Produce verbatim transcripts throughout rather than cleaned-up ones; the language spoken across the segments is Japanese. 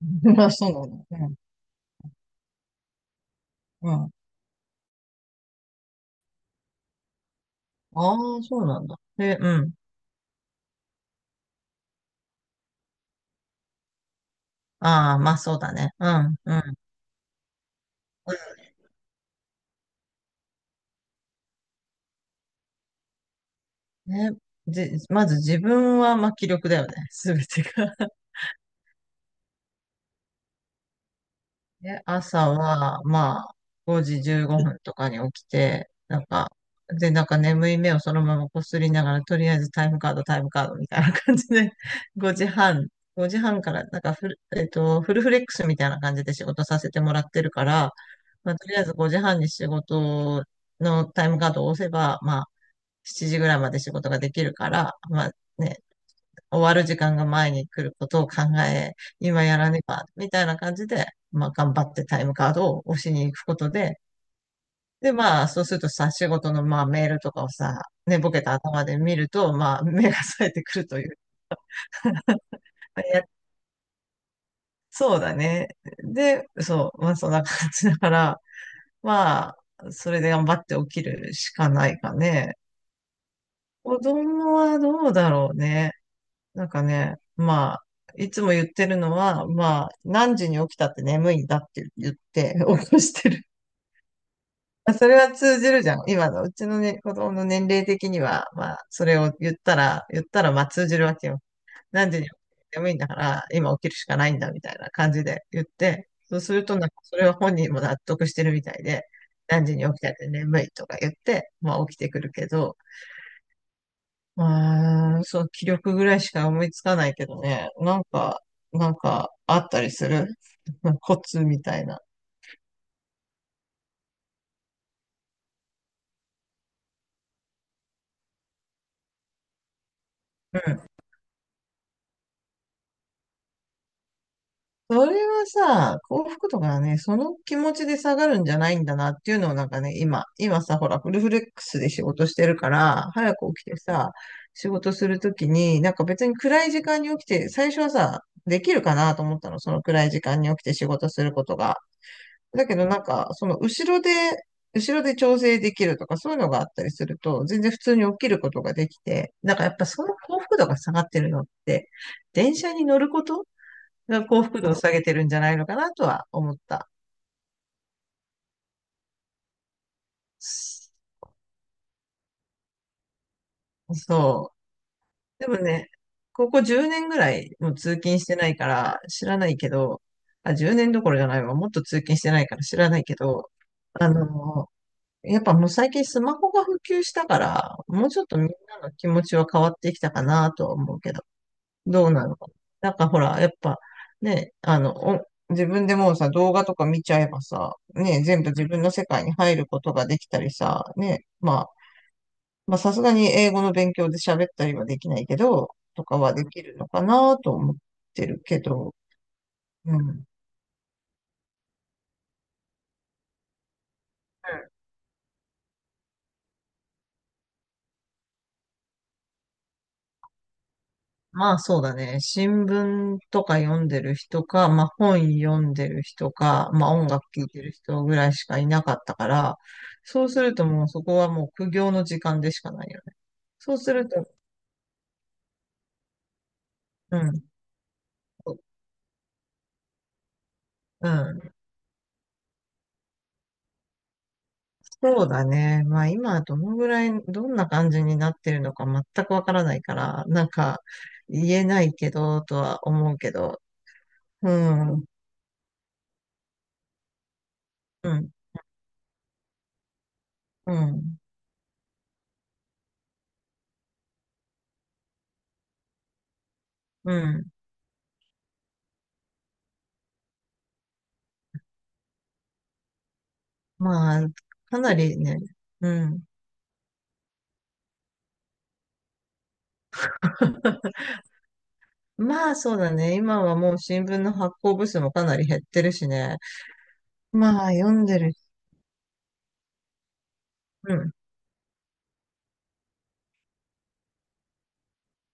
あ、そうなのね。うん。うん。ああ、そうなんだ。で、うん。ああ、まあそうだね。うん。うん。ね。じ、まず自分は、まあ気力だよね。すべてがで、朝は、まあ、ごじじゅうごふんとかに起きて、なんか、で、なんか眠い目をそのままこすりながら、とりあえずタイムカード、タイムカードみたいな感じで、ごじはん、ごじはんから、なんかフル、えっと、フルフレックスみたいな感じで仕事させてもらってるから、まあ、とりあえずごじはんに仕事のタイムカードを押せば、まあ、しちじぐらいまで仕事ができるから、まあね、終わる時間が前に来ることを考え、今やらねば、みたいな感じで、まあ頑張ってタイムカードを押しに行くことで、でまあそうするとさ、仕事のまあメールとかをさ、寝ぼけた頭で見ると、まあ目が冴えてくるという。いやそうだね。で、そう、まあそんな感じだから、まあ、それで頑張って起きるしかないかね。子供はどうだろうね。なんかね、まあ、いつも言ってるのは、まあ、何時に起きたって眠いんだって言って 起こしてる。あそれは通じるじゃん。今のうちのね、子供の年齢的には、まあ、それを言ったら、言ったら、まあ通じるわけよ。何時に起きて眠いんだから、今起きるしかないんだ、みたいな感じで言って、そうすると、なんか、それは本人も納得してるみたいで、何時に起きたって眠いとか言って、まあ、起きてくるけど、うーん、そう、気力ぐらいしか思いつかないけどね。なんか、なんか、あったりする コツみたいな。うん。それはさ、幸福とかはね、その気持ちで下がるんじゃないんだなっていうのをなんかね、今、今さ、ほら、フルフレックスで仕事してるから、早く起きてさ、仕事するときに、なんか別に暗い時間に起きて、最初はさ、できるかなと思ったの、その暗い時間に起きて仕事することが。だけどなんか、その後ろで、後ろで調整できるとか、そういうのがあったりすると、全然普通に起きることができて、なんかやっぱその幸福度が下がってるのって、電車に乗ることが幸福度を下げてるんじゃないのかなとは思った。そう。でもね、ここじゅうねんぐらいもう通勤してないから知らないけど、あ、じゅうねんどころじゃないわ。もっと通勤してないから知らないけど、あの、やっぱもう最近スマホが普及したから、もうちょっとみんなの気持ちは変わってきたかなとは思うけど、どうなのかな。なんかほら、やっぱね、あの、お自分でもうさ、動画とか見ちゃえばさ、ね、全部自分の世界に入ることができたりさ、ね、まあ、まあさすがに英語の勉強で喋ったりはできないけど、とかはできるのかなと思ってるけど、うん。まあそうだね。新聞とか読んでる人か、まあ本読んでる人か、まあ音楽聴いてる人ぐらいしかいなかったから、そうするともうそこはもう苦行の時間でしかないよね。そうすると、うん。うん。そうだね。まあ今どのぐらい、どんな感じになってるのか全くわからないから、なんか言えないけど、とは思うけど。うん。うん。うん。うん。まあ、かなりね。うん。まあそうだね。今はもう新聞の発行部数もかなり減ってるしね。まあ読んでる。うん、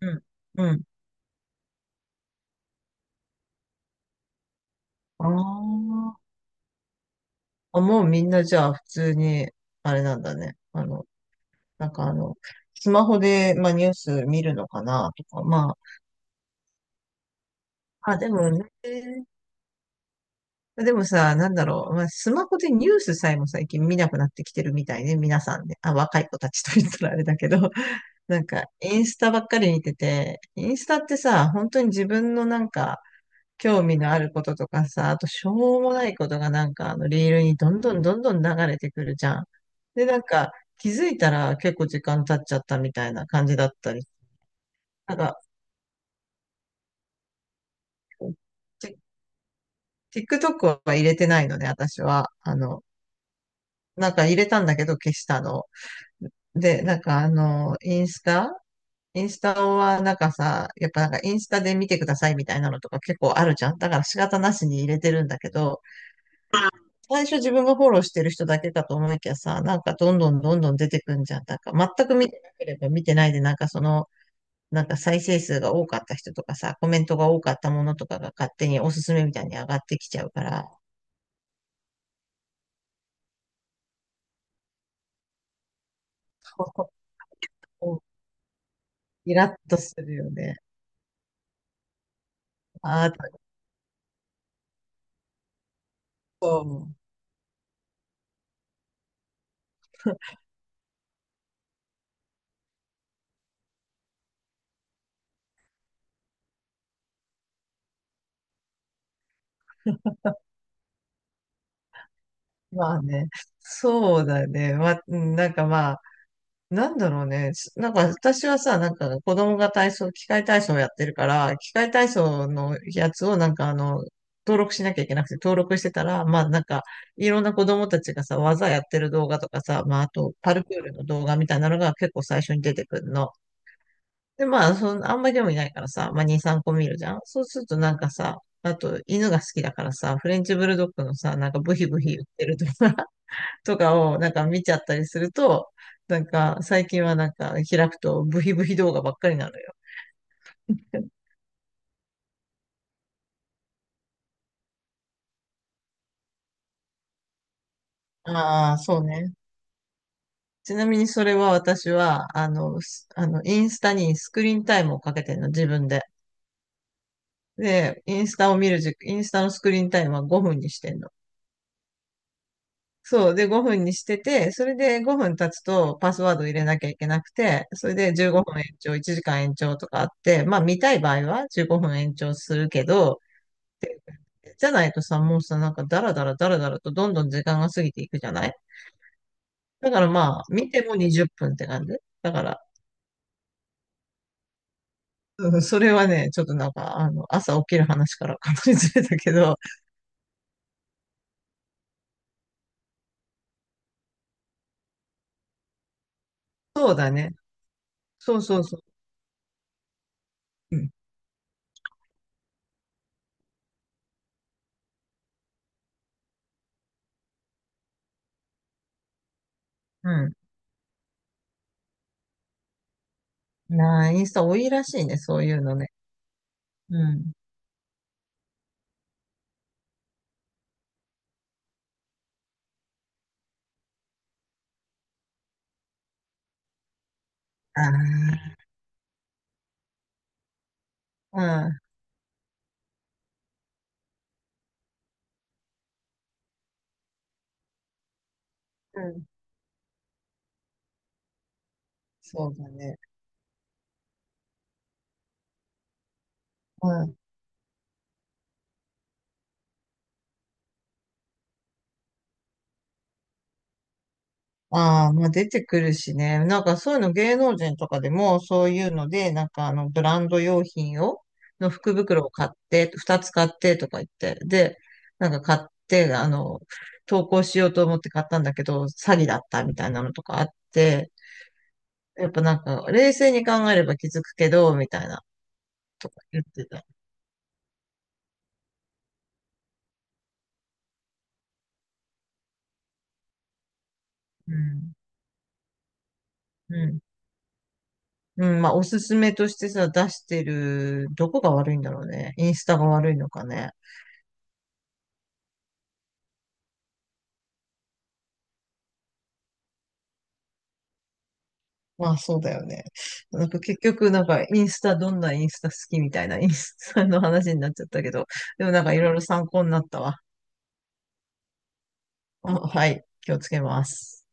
うん、うん。ああ。あ、もうみんなじゃあ普通に、あれなんだね。あの、なんかあの、スマホで、まあ、ニュース見るのかなとか、まあ、あ、でもね、でもさ、なんだろう。まあ、スマホでニュースさえも最近見なくなってきてるみたいね。皆さんね。あ、若い子たちと言ったらあれだけど。なんか、インスタばっかり見てて、インスタってさ、本当に自分のなんか、興味のあることとかさ、あとしょうもないことがなんか、あの、リールにどんどんどんどん流れてくるじゃん。で、なんか、気づいたら結構時間経っちゃったみたいな感じだったり。なんか、ティ TikTok は入れてないのね、私は。あの、なんか入れたんだけど消したの。で、なんかあの、インスタインスタはなんかさ、やっぱなんかインスタで見てくださいみたいなのとか結構あるじゃん。だから仕方なしに入れてるんだけど、最初自分がフォローしてる人だけかと思いきやさ、なんかどんどんどんどん出てくんじゃん。なんか全く見てなければ見てないで、なんかその、なんか再生数が多かった人とかさ、コメントが多かったものとかが勝手におすすめみたいに上がってきちゃうから、イラッとするよね。ああ、そう。まあね、そうだね。まあ、うんなんかまあ、なんだろうね。すなんか私はさ、なんか子供が体操、器械体操をやってるから、器械体操のやつをなんかあの、登録しなきゃいけなくて、登録してたら、まあなんか、いろんな子供たちがさ、技やってる動画とかさ、まああと、パルクールの動画みたいなのが結構最初に出てくるの。で、まあ、その、あんまり興味ないからさ、まあに、さんこ見るじゃん。そうするとなんかさ、あと、犬が好きだからさ、フレンチブルドッグのさ、なんかブヒブヒ言ってるとかとかをなんか見ちゃったりすると、なんか最近はなんか開くとブヒブヒ動画ばっかりなのよ。ああ、そうね。ちなみにそれは私は、あの、すあの、インスタにスクリーンタイムをかけてんの、自分で。で、インスタを見る時、インスタのスクリーンタイムはごふんにしてんの。そう。で、ごふんにしてて、それでごふん経つとパスワード入れなきゃいけなくて、それでじゅうごふん延長、いちじかん延長とかあって、まあ見たい場合はじゅうごふん延長するけど、じゃないとさ、もうさ、なんかダラダラダラダラとどんどん時間が過ぎていくじゃないだからまあ、見ても20分っぷんって感じ。だから、うんそれはね、ちょっとなんか、あの、朝起きる話からかなりずれたけど、そうだね。そうそうそう。うん。うん。なあ、インスタ多いらしいね、そういうのね。うん。ああ、うん。うん。そうだね。うんああ、まあ出てくるしね。なんかそういうの芸能人とかでもそういうので、なんかあのブランド用品を、の福袋を買って、二つ買ってとか言って、で、なんか買って、あの、投稿しようと思って買ったんだけど、詐欺だったみたいなのとかあって、やっぱなんか冷静に考えれば気づくけど、みたいなとか言ってた。うん。うん。うん、まあおすすめとしてさ、出してる、どこが悪いんだろうね。インスタが悪いのかね。まあそうだよね。なんか結局なんかインスタどんなインスタ好きみたいな インスタの話になっちゃったけど、でもなんかいろいろ参考になったわ。あはい、気をつけます。